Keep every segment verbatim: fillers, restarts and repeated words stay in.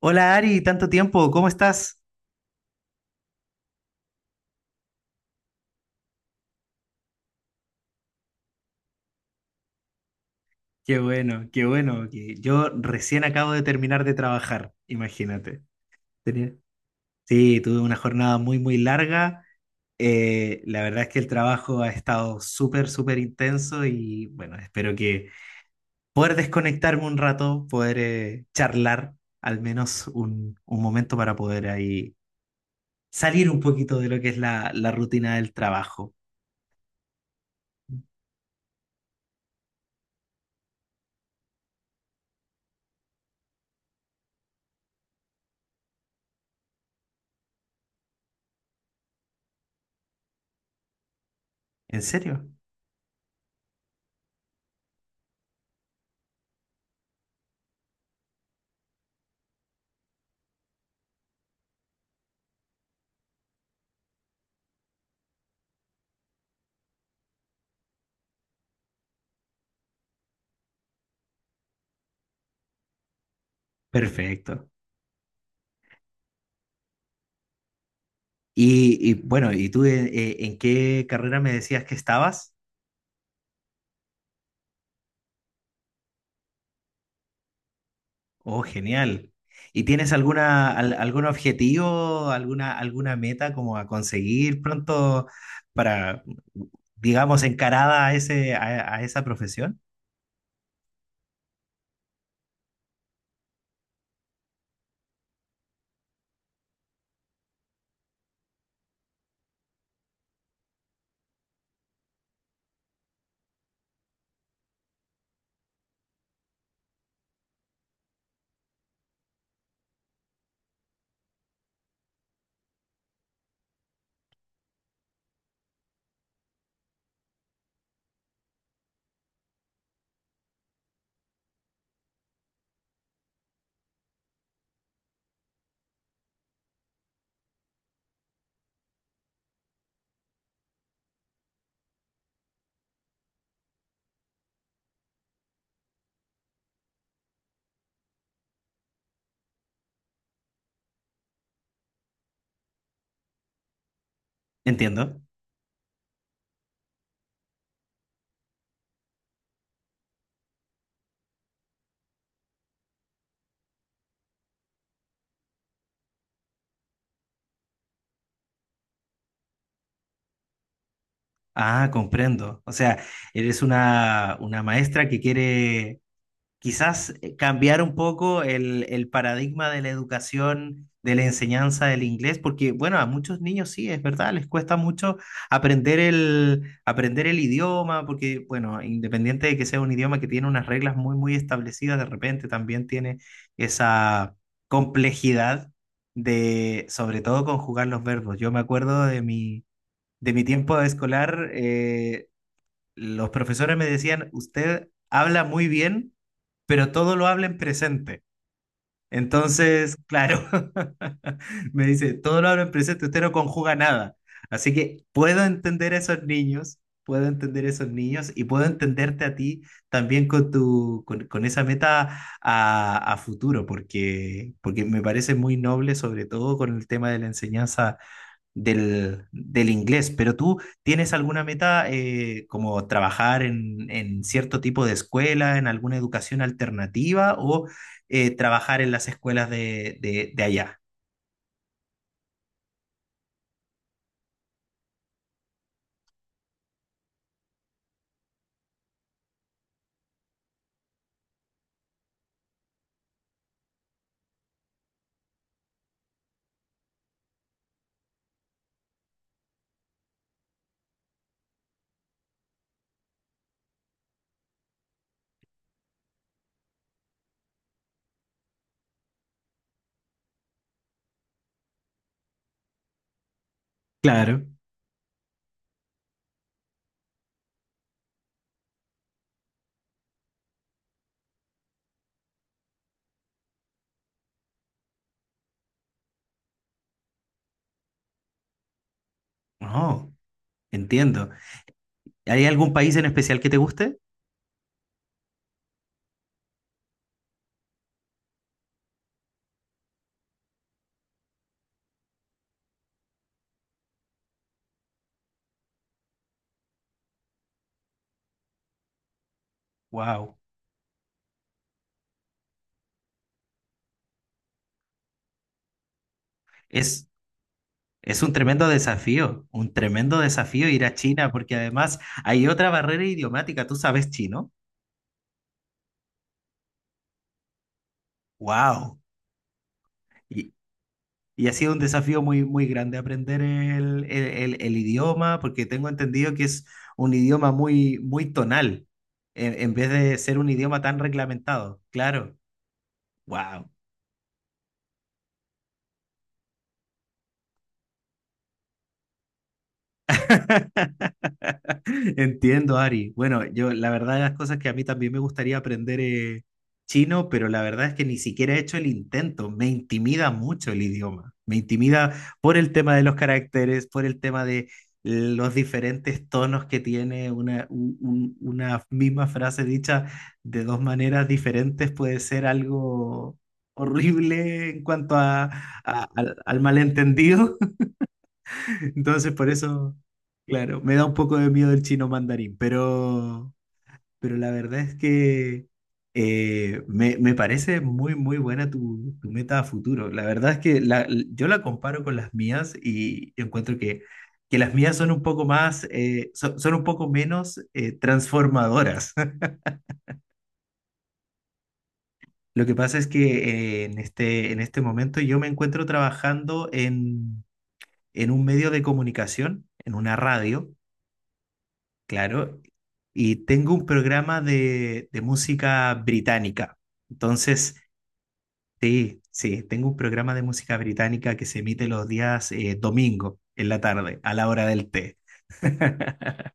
Hola Ari, tanto tiempo, ¿cómo estás? Qué bueno, qué bueno. que Yo recién acabo de terminar de trabajar, imagínate. Tenía- Sí, tuve una jornada muy, muy larga. eh, la verdad es que el trabajo ha estado súper, súper intenso y bueno, espero que poder desconectarme un rato, poder eh, charlar al menos un, un momento para poder ahí salir un poquito de lo que es la, la rutina del trabajo. ¿En serio? Perfecto. Y, y bueno, ¿y tú en, eh, en qué carrera me decías que estabas? Oh, genial. ¿Y tienes alguna, al- algún objetivo, alguna, alguna meta como a conseguir pronto para, digamos, encarada a ese, a, a esa profesión? Entiendo. Ah, comprendo. O sea, eres una, una maestra que quiere quizás eh, cambiar un poco el, el paradigma de la educación, de la enseñanza del inglés, porque bueno, a muchos niños sí, es verdad, les cuesta mucho aprender el, aprender el idioma, porque bueno, independiente de que sea un idioma que tiene unas reglas muy, muy establecidas, de repente también tiene esa complejidad de, sobre todo, conjugar los verbos. Yo me acuerdo de mi... De mi tiempo escolar, eh, los profesores me decían, usted habla muy bien, pero todo lo habla en presente. Entonces, claro, me dice, todo lo habla en presente, usted no conjuga nada. Así que puedo entender a esos niños, puedo entender a esos niños y puedo entenderte a ti también con tu, con, con esa meta a, a futuro, porque, porque me parece muy noble, sobre todo con el tema de la enseñanza del, del inglés, pero tú tienes alguna meta eh, como trabajar en, en cierto tipo de escuela, en alguna educación alternativa o eh, trabajar en las escuelas de, de, de allá. Claro. Oh, entiendo. ¿Hay algún país en especial que te guste? Wow. Es, es un tremendo desafío, un tremendo desafío ir a China porque además hay otra barrera idiomática. ¿Tú sabes chino? Wow. Y ha sido un desafío muy, muy grande aprender el, el- el- el idioma, porque tengo entendido que es un idioma muy, muy tonal, en, en vez de ser un idioma tan reglamentado. Claro, wow. Entiendo, Ari. Bueno, yo la verdad de las cosas que a mí también me gustaría aprender eh, chino, pero la verdad es que ni siquiera he hecho el intento. Me intimida mucho el idioma. Me intimida por el tema de los caracteres, por el tema de los diferentes tonos que tiene una, un- un- una misma frase dicha de dos maneras diferentes puede ser algo horrible en cuanto a, a- al al malentendido. Entonces, por eso, claro, me da un poco de miedo el chino mandarín, pero, pero la verdad es que eh, me, me parece muy, muy buena tu, tu meta a futuro. La verdad es que la, yo la comparo con las mías y encuentro que, que las mías son un poco más, eh, so- son, un poco menos eh, transformadoras. Lo que pasa es que eh, en este, en este momento yo me encuentro trabajando en, en un medio de comunicación, en una radio. Claro, y tengo un programa de, de música británica. Entonces, sí, sí, tengo un programa de música británica que se emite los días eh, domingo en la tarde, a la hora del té.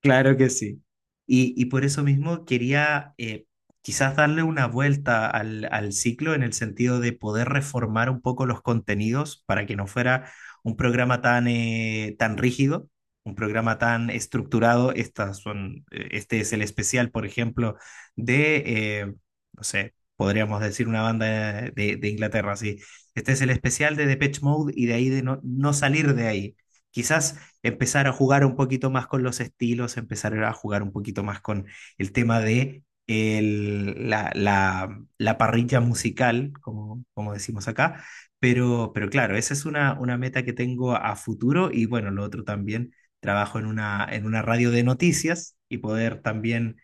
Claro que sí. Y, y por eso mismo quería eh, quizás darle una vuelta al, al ciclo en el sentido de poder reformar un poco los contenidos para que no fuera un programa tan, eh, tan rígido, un programa tan estructurado. Estas son, eh, este es el especial, por ejemplo, de, eh, no sé, podríamos decir una banda de, de Inglaterra, sí. Este es el especial de Depeche Mode y de ahí de no, no salir de ahí. Quizás empezar a jugar un poquito más con los estilos, empezar a jugar un poquito más con el tema de el- la, la- la parrilla musical, como, como decimos acá. Pero, pero claro, esa es una, una meta que tengo a futuro y bueno, lo otro también, trabajo en una, en una radio de noticias y poder también,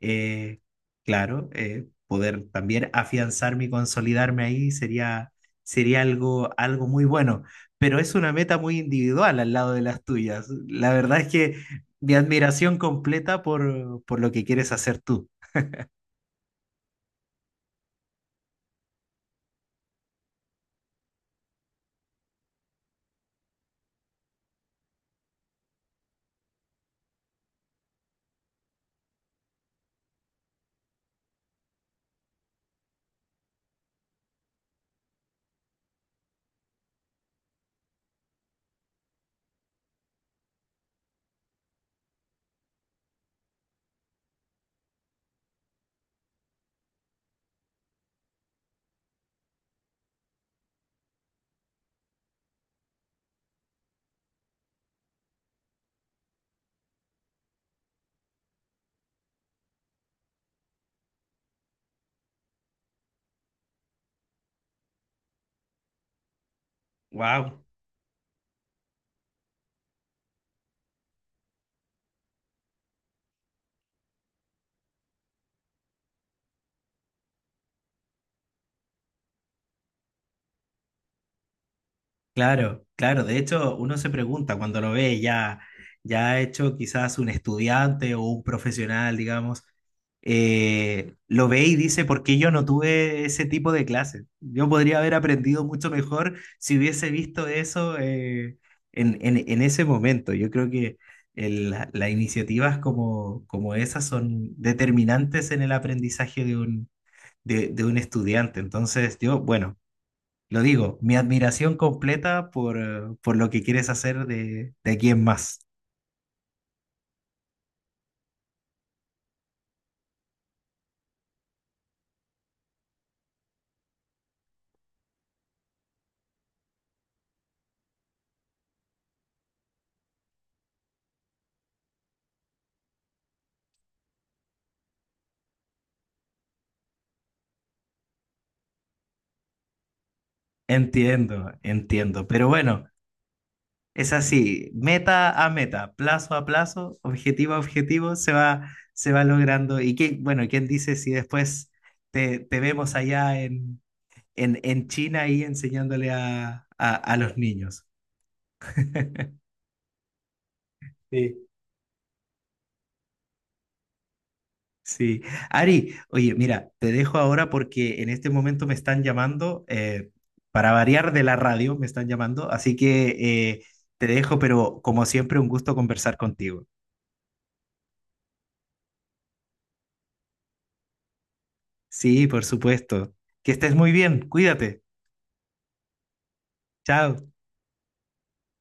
eh, claro, eh, poder también afianzarme y consolidarme ahí sería, sería algo, algo muy bueno, pero es una meta muy individual al lado de las tuyas. La verdad es que mi admiración completa por, por lo que quieres hacer tú. Wow. Claro, claro. De hecho, uno se pregunta cuando lo ve ya, ya hecho quizás un estudiante o un profesional, digamos, eh, lo ve y dice, ¿por qué yo no tuve ese tipo de clases? Yo podría haber aprendido mucho mejor si hubiese visto eso eh, en, en- en ese momento. Yo creo que el- la- las iniciativas como, como esas son determinantes en el aprendizaje de un, de de un estudiante. Entonces, yo, bueno. Lo digo, mi admiración completa por, eh, por lo que quieres hacer de, de aquí en más. Entiendo, entiendo. Pero bueno, es así, meta a meta, plazo a plazo, objetivo a objetivo, se va, se va logrando. Y qué, bueno, ¿quién dice si después te, te vemos allá en, en, en China y enseñándole a, a, a los niños? Sí. Ari, oye, mira, te dejo ahora porque en este momento me están llamando, eh, para variar de la radio, me están llamando, así que eh, te dejo, pero como siempre, un gusto conversar contigo. Sí, por supuesto. Que estés muy bien, cuídate. Chao.